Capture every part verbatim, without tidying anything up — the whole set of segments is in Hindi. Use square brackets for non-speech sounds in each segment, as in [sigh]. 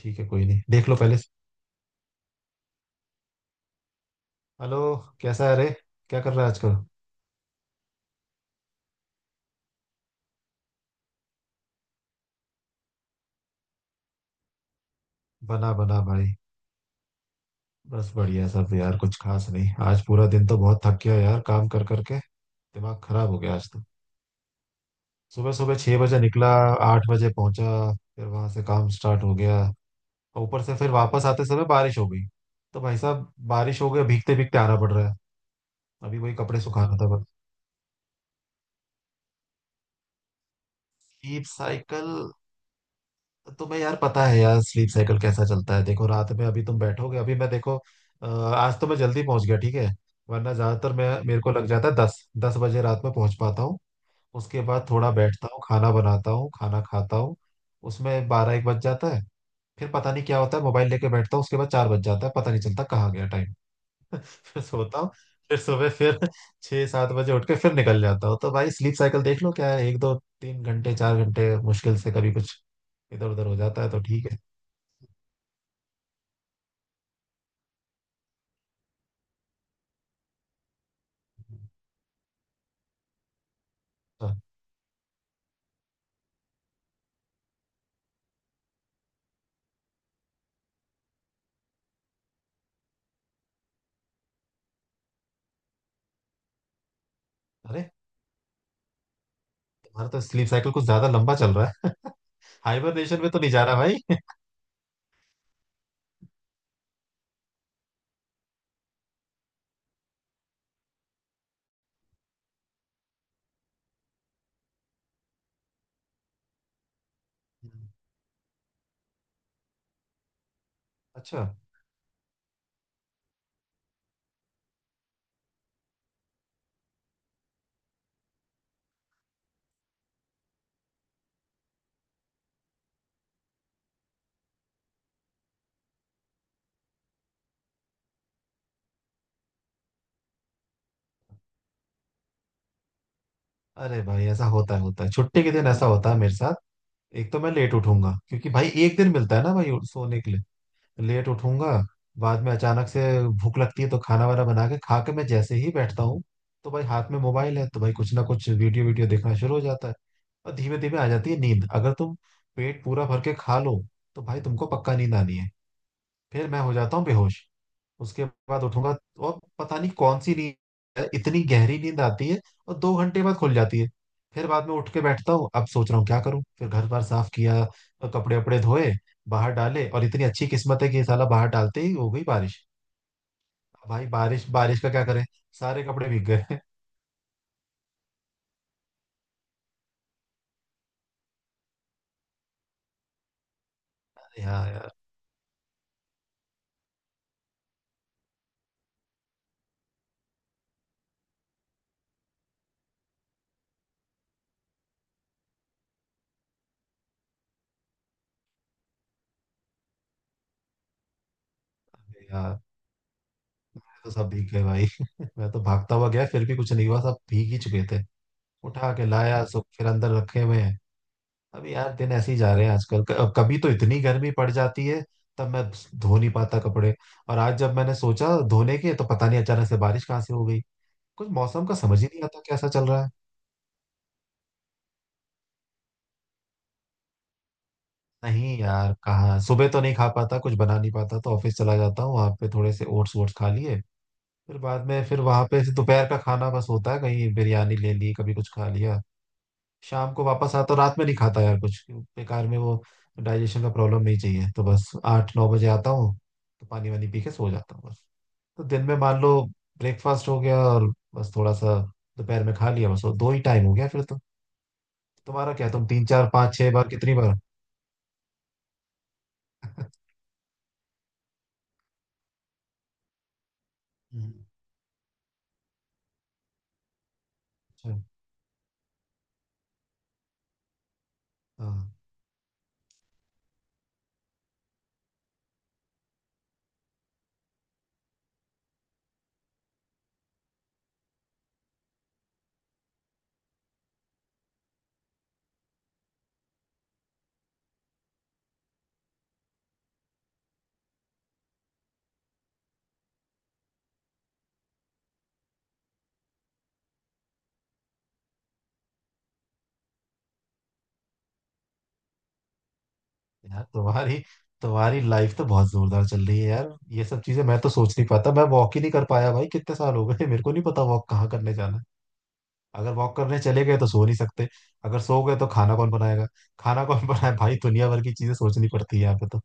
ठीक है, कोई नहीं, देख लो पहले। हेलो। कैसा है रे? क्या कर रहा है आजकल? बना बना भाई। बस बढ़िया सब यार, कुछ खास नहीं। आज पूरा दिन तो बहुत थक गया यार काम कर करके। दिमाग खराब हो गया आज तो। सुबह सुबह छह बजे निकला, आठ बजे पहुंचा। फिर वहां से काम स्टार्ट हो गया। और ऊपर से फिर वापस आते समय बारिश हो गई। तो भाई साहब, बारिश हो गया, भीगते भीगते आना पड़ रहा है। अभी वही कपड़े सुखाना था बस। Keep cycle. तुम्हें यार पता है यार, स्लीप साइकिल कैसा चलता है? देखो, रात में अभी तुम बैठोगे अभी मैं देखो। अ, आज तो मैं जल्दी पहुंच गया, ठीक है। वरना ज्यादातर मैं, मेरे को लग जाता है दस दस बजे रात में पहुंच पाता हूँ। उसके बाद थोड़ा बैठता हूँ, खाना बनाता हूँ, खाना खाता हूँ। उसमें बारह एक बज जाता है। फिर पता नहीं क्या होता है, मोबाइल लेके बैठता हूँ, उसके बाद चार बज जाता है, पता नहीं चलता कहाँ गया टाइम। [laughs] फिर सोता हूँ। फिर सुबह फिर छह सात बजे उठ के फिर निकल जाता हूँ। तो भाई स्लीप साइकिल देख लो क्या है, एक दो तीन घंटे, चार घंटे मुश्किल से, कभी कुछ इधर उधर हो जाता है, तो ठीक है। अच्छा। अरे, तुम्हारा तो स्लीप साइकिल कुछ ज्यादा लंबा चल रहा है। हाइबरनेशन में तो नहीं जा रहा भाई? अच्छा। अरे भाई, ऐसा होता है, होता है, छुट्टी के दिन ऐसा होता है मेरे साथ। एक तो मैं लेट उठूंगा, क्योंकि भाई एक दिन मिलता है ना भाई सोने के लिए। लेट उठूंगा। बाद में अचानक से भूख लगती है, तो खाना वाना बना के खा के मैं जैसे ही बैठता हूँ, तो भाई हाथ में मोबाइल है, तो भाई कुछ ना कुछ वीडियो वीडियो देखना शुरू हो जाता है। और धीमे धीमे आ जाती है नींद। अगर तुम पेट पूरा भर के खा लो, तो भाई तुमको पक्का नींद आनी है। फिर मैं हो जाता हूँ बेहोश। उसके बाद उठूंगा और पता नहीं कौन सी नींद है, इतनी गहरी नींद आती है, और दो घंटे बाद खुल जाती है। फिर बाद में उठ के बैठता हूँ, अब सोच रहा हूँ क्या करूँ, फिर घर बार साफ किया और कपड़े वपड़े धोए, बाहर डाले, और इतनी अच्छी किस्मत है कि ये साला बाहर डालते ही हो गई बारिश। अब भाई बारिश बारिश का क्या करें, सारे कपड़े भीग गए। अरे यार, यार यार, तो सब भीग गए भाई। [laughs] मैं तो भागता हुआ गया, फिर भी कुछ नहीं हुआ, सब भीग ही चुके थे। उठा के लाया सब, फिर अंदर रखे हुए हैं। अभी यार दिन ऐसे ही जा रहे हैं आजकल। क- कभी तो इतनी गर्मी पड़ जाती है, तब मैं धो नहीं पाता कपड़े, और आज जब मैंने सोचा धोने के, तो पता नहीं अचानक से बारिश कहाँ से हो गई। कुछ मौसम का समझ ही नहीं आता कैसा चल रहा है। नहीं यार, कहाँ, सुबह तो नहीं खा पाता, कुछ बना नहीं पाता, तो ऑफिस चला जाता हूँ, वहां पे थोड़े से ओट्स वोट्स खा लिए। फिर बाद में फिर वहां पे दोपहर का खाना बस होता है, कहीं बिरयानी ले ली, कभी कुछ खा लिया। शाम को वापस आता हूँ, रात में नहीं खाता यार कुछ, बेकार में वो डाइजेशन का प्रॉब्लम नहीं चाहिए, तो बस आठ नौ बजे आता हूँ, तो पानी वानी पी के सो जाता हूँ बस। तो दिन में मान लो ब्रेकफास्ट हो गया और बस थोड़ा सा दोपहर में खा लिया, बस वो दो ही टाइम हो गया फिर तो। तुम्हारा क्या, तुम तीन चार पाँच छह बार, कितनी बार? हम्म। अच्छा। हाँ, यार तुम्हारी, तुम्हारी लाइफ तो बहुत जोरदार चल रही है यार। ये सब चीजें मैं तो सोच नहीं पाता। मैं वॉक ही नहीं कर पाया भाई, कितने साल हो गए, मेरे को नहीं पता वॉक कहाँ करने जाना। अगर वॉक करने चले गए तो सो नहीं सकते। अगर सो गए तो खाना कौन बनाएगा, खाना कौन बनाए भाई, दुनिया भर की चीजें सोचनी पड़ती है यहाँ पे तो।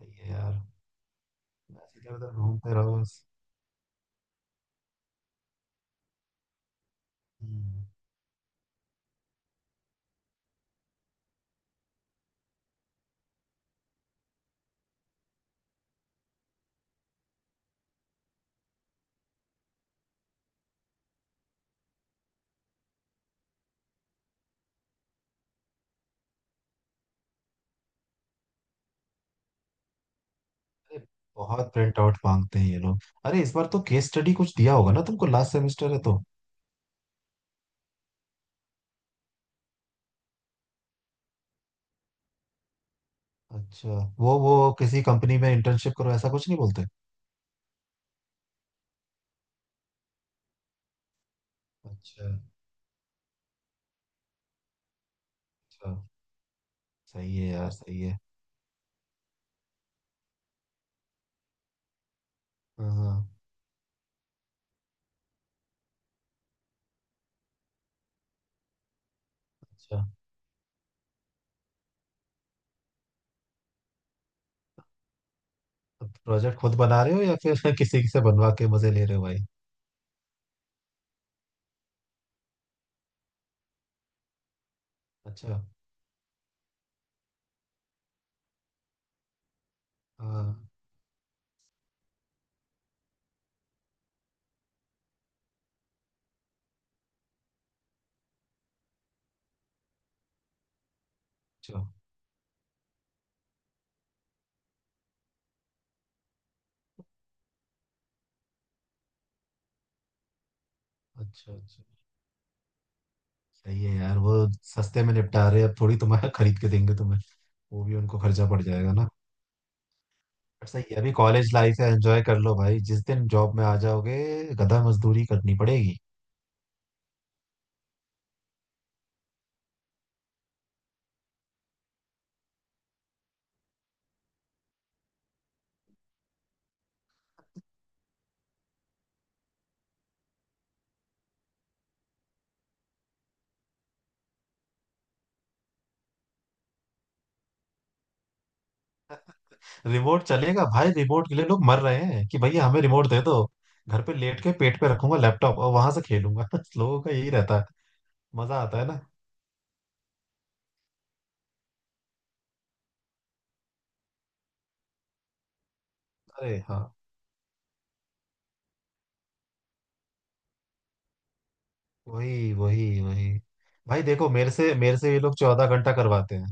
सही है यार। बस इधर उधर घूमते रहो बस। हम्म। अरे, बहुत प्रिंट आउट मांगते हैं ये लोग। अरे, इस बार तो केस स्टडी कुछ दिया होगा ना तुमको, लास्ट सेमेस्टर है तो। अच्छा। वो वो किसी कंपनी में इंटर्नशिप करो, ऐसा कुछ नहीं बोलते? अच्छा। अच्छा। सही है यार, सही है। हाँ हाँ। अच्छा। प्रोजेक्ट खुद बना रहे हो या फिर [laughs] किसी से बनवा के मजे ले रहे हो भाई? अच्छा। हाँ। अच्छा। अच्छा। अच्छा। सही है यार, वो सस्ते में निपटा रहे हैं, अब थोड़ी तुम्हारा [laughs] खरीद के देंगे तुम्हें, वो भी उनको खर्चा पड़ जाएगा ना। बट सही है, अभी कॉलेज लाइफ है, एंजॉय कर लो भाई, जिस दिन जॉब में आ जाओगे, गधा मजदूरी करनी पड़ेगी। रिमोट चलेगा भाई, रिमोट के लिए लोग मर रहे हैं कि भैया हमें रिमोट दे दो, घर पे लेट के पेट पे रखूंगा लैपटॉप और वहां से खेलूंगा। [laughs] लोगों का यही रहता है। मजा आता है ना। अरे हाँ, वही वही वही। भाई देखो, मेरे से मेरे से ये लोग चौदह घंटा करवाते हैं,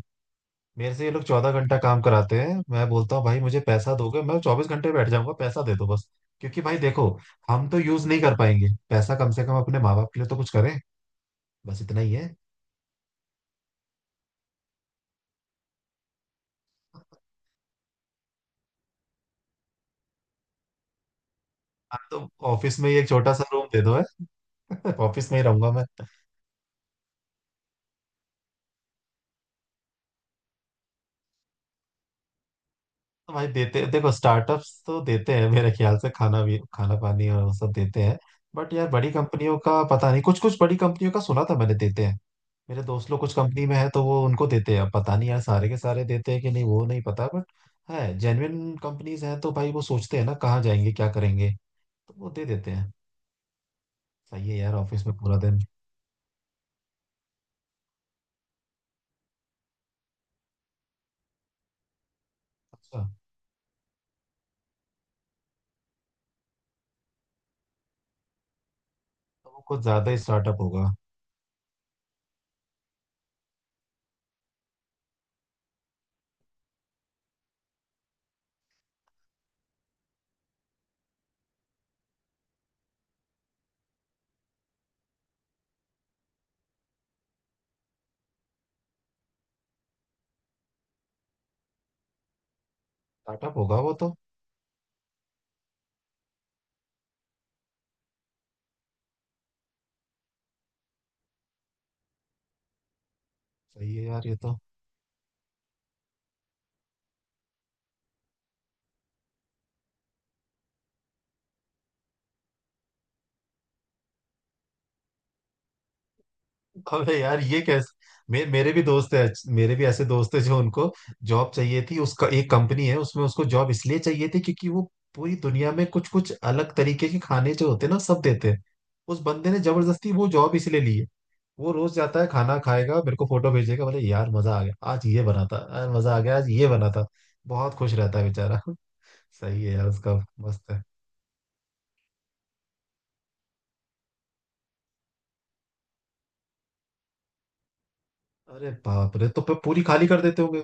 मेरे से ये लोग चौदह घंटा काम कराते हैं, मैं बोलता हूँ भाई मुझे पैसा दोगे, मैं चौबीस घंटे बैठ जाऊंगा, पैसा दे दो बस। क्योंकि भाई देखो, हम तो यूज नहीं कर पाएंगे पैसा, कम से कम अपने माँ बाप के लिए तो कुछ करें, बस इतना ही है। हाँ, तो ऑफिस में ही एक छोटा सा रूम दे दो है। [laughs] ऑफिस में ही रहूंगा मैं। तो भाई देते, देखो स्टार्टअप्स तो देते हैं मेरे ख्याल से, खाना भी, खाना पानी और वो सब देते हैं। बट यार बड़ी कंपनियों का पता नहीं, कुछ कुछ बड़ी कंपनियों का सुना था मैंने, देते हैं। मेरे दोस्त लोग कुछ कंपनी में है तो वो उनको देते हैं, अब पता नहीं यार सारे के सारे देते हैं कि नहीं वो नहीं पता, बट है जेन्युइन कंपनीज हैं तो भाई, वो सोचते हैं ना कहाँ जाएंगे क्या करेंगे, तो वो दे देते हैं। सही है यार, ऑफिस में पूरा दिन। अच्छा, तो वो कुछ ज्यादा ही स्टार्टअप होगा। स्टार्टअप होगा वो तो। सही है यार ये तो। अबे यार ये कैसे? मे, मेरे भी दोस्त है, मेरे भी ऐसे दोस्त है जो उनको जॉब चाहिए थी। उसका एक कंपनी है, उसमें उसको जॉब इसलिए चाहिए थी क्योंकि वो पूरी दुनिया में कुछ कुछ अलग तरीके के खाने जो होते हैं ना, सब देते हैं। उस बंदे ने जबरदस्ती वो जॉब इसलिए ली है। वो रोज जाता है खाना खाएगा, मेरे को फोटो भेजेगा, बोले यार मजा आ गया आज ये बना था, यार मजा आ गया आज ये बना था। बहुत खुश रहता है बेचारा। [laughs] सही है यार उसका। मस्त है। अरे बाप रे, तो फिर पूरी खाली कर देते होंगे।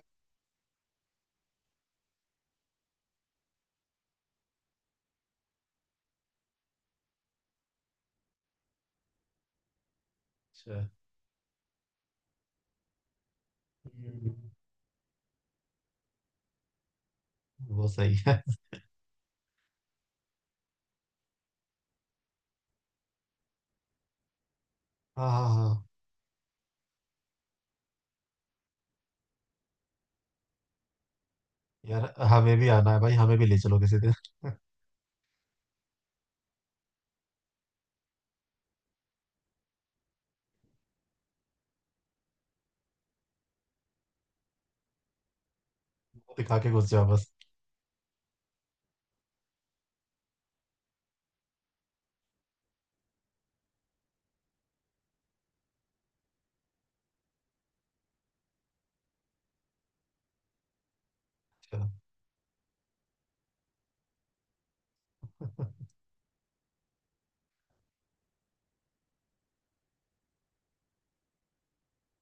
अच्छा। हम्म। वो सही है। [laughs] हाँ हाँ हाँ। यार हमें भी आना है भाई, हमें भी ले चलो किसी दिन। [laughs] दिखा के घुस जाओ बस। चलो।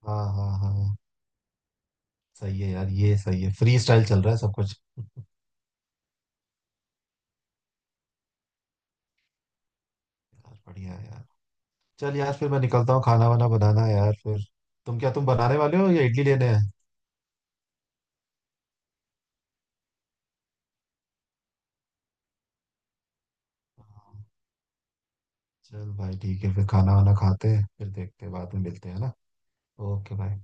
हाँ हाँ हाँ हाँ। सही है यार, ये सही है, फ्री स्टाइल चल रहा है सब कुछ। [laughs] यार बढ़िया है यार। चल यार, फिर मैं निकलता हूँ, खाना वाना बनाना है यार फिर। तुम क्या, तुम बनाने वाले हो या इडली लेने हैं? हाँ, चल भाई ठीक है, फिर खाना वाना खाते हैं, फिर देखते हैं, बाद में मिलते हैं ना। ओके भाई।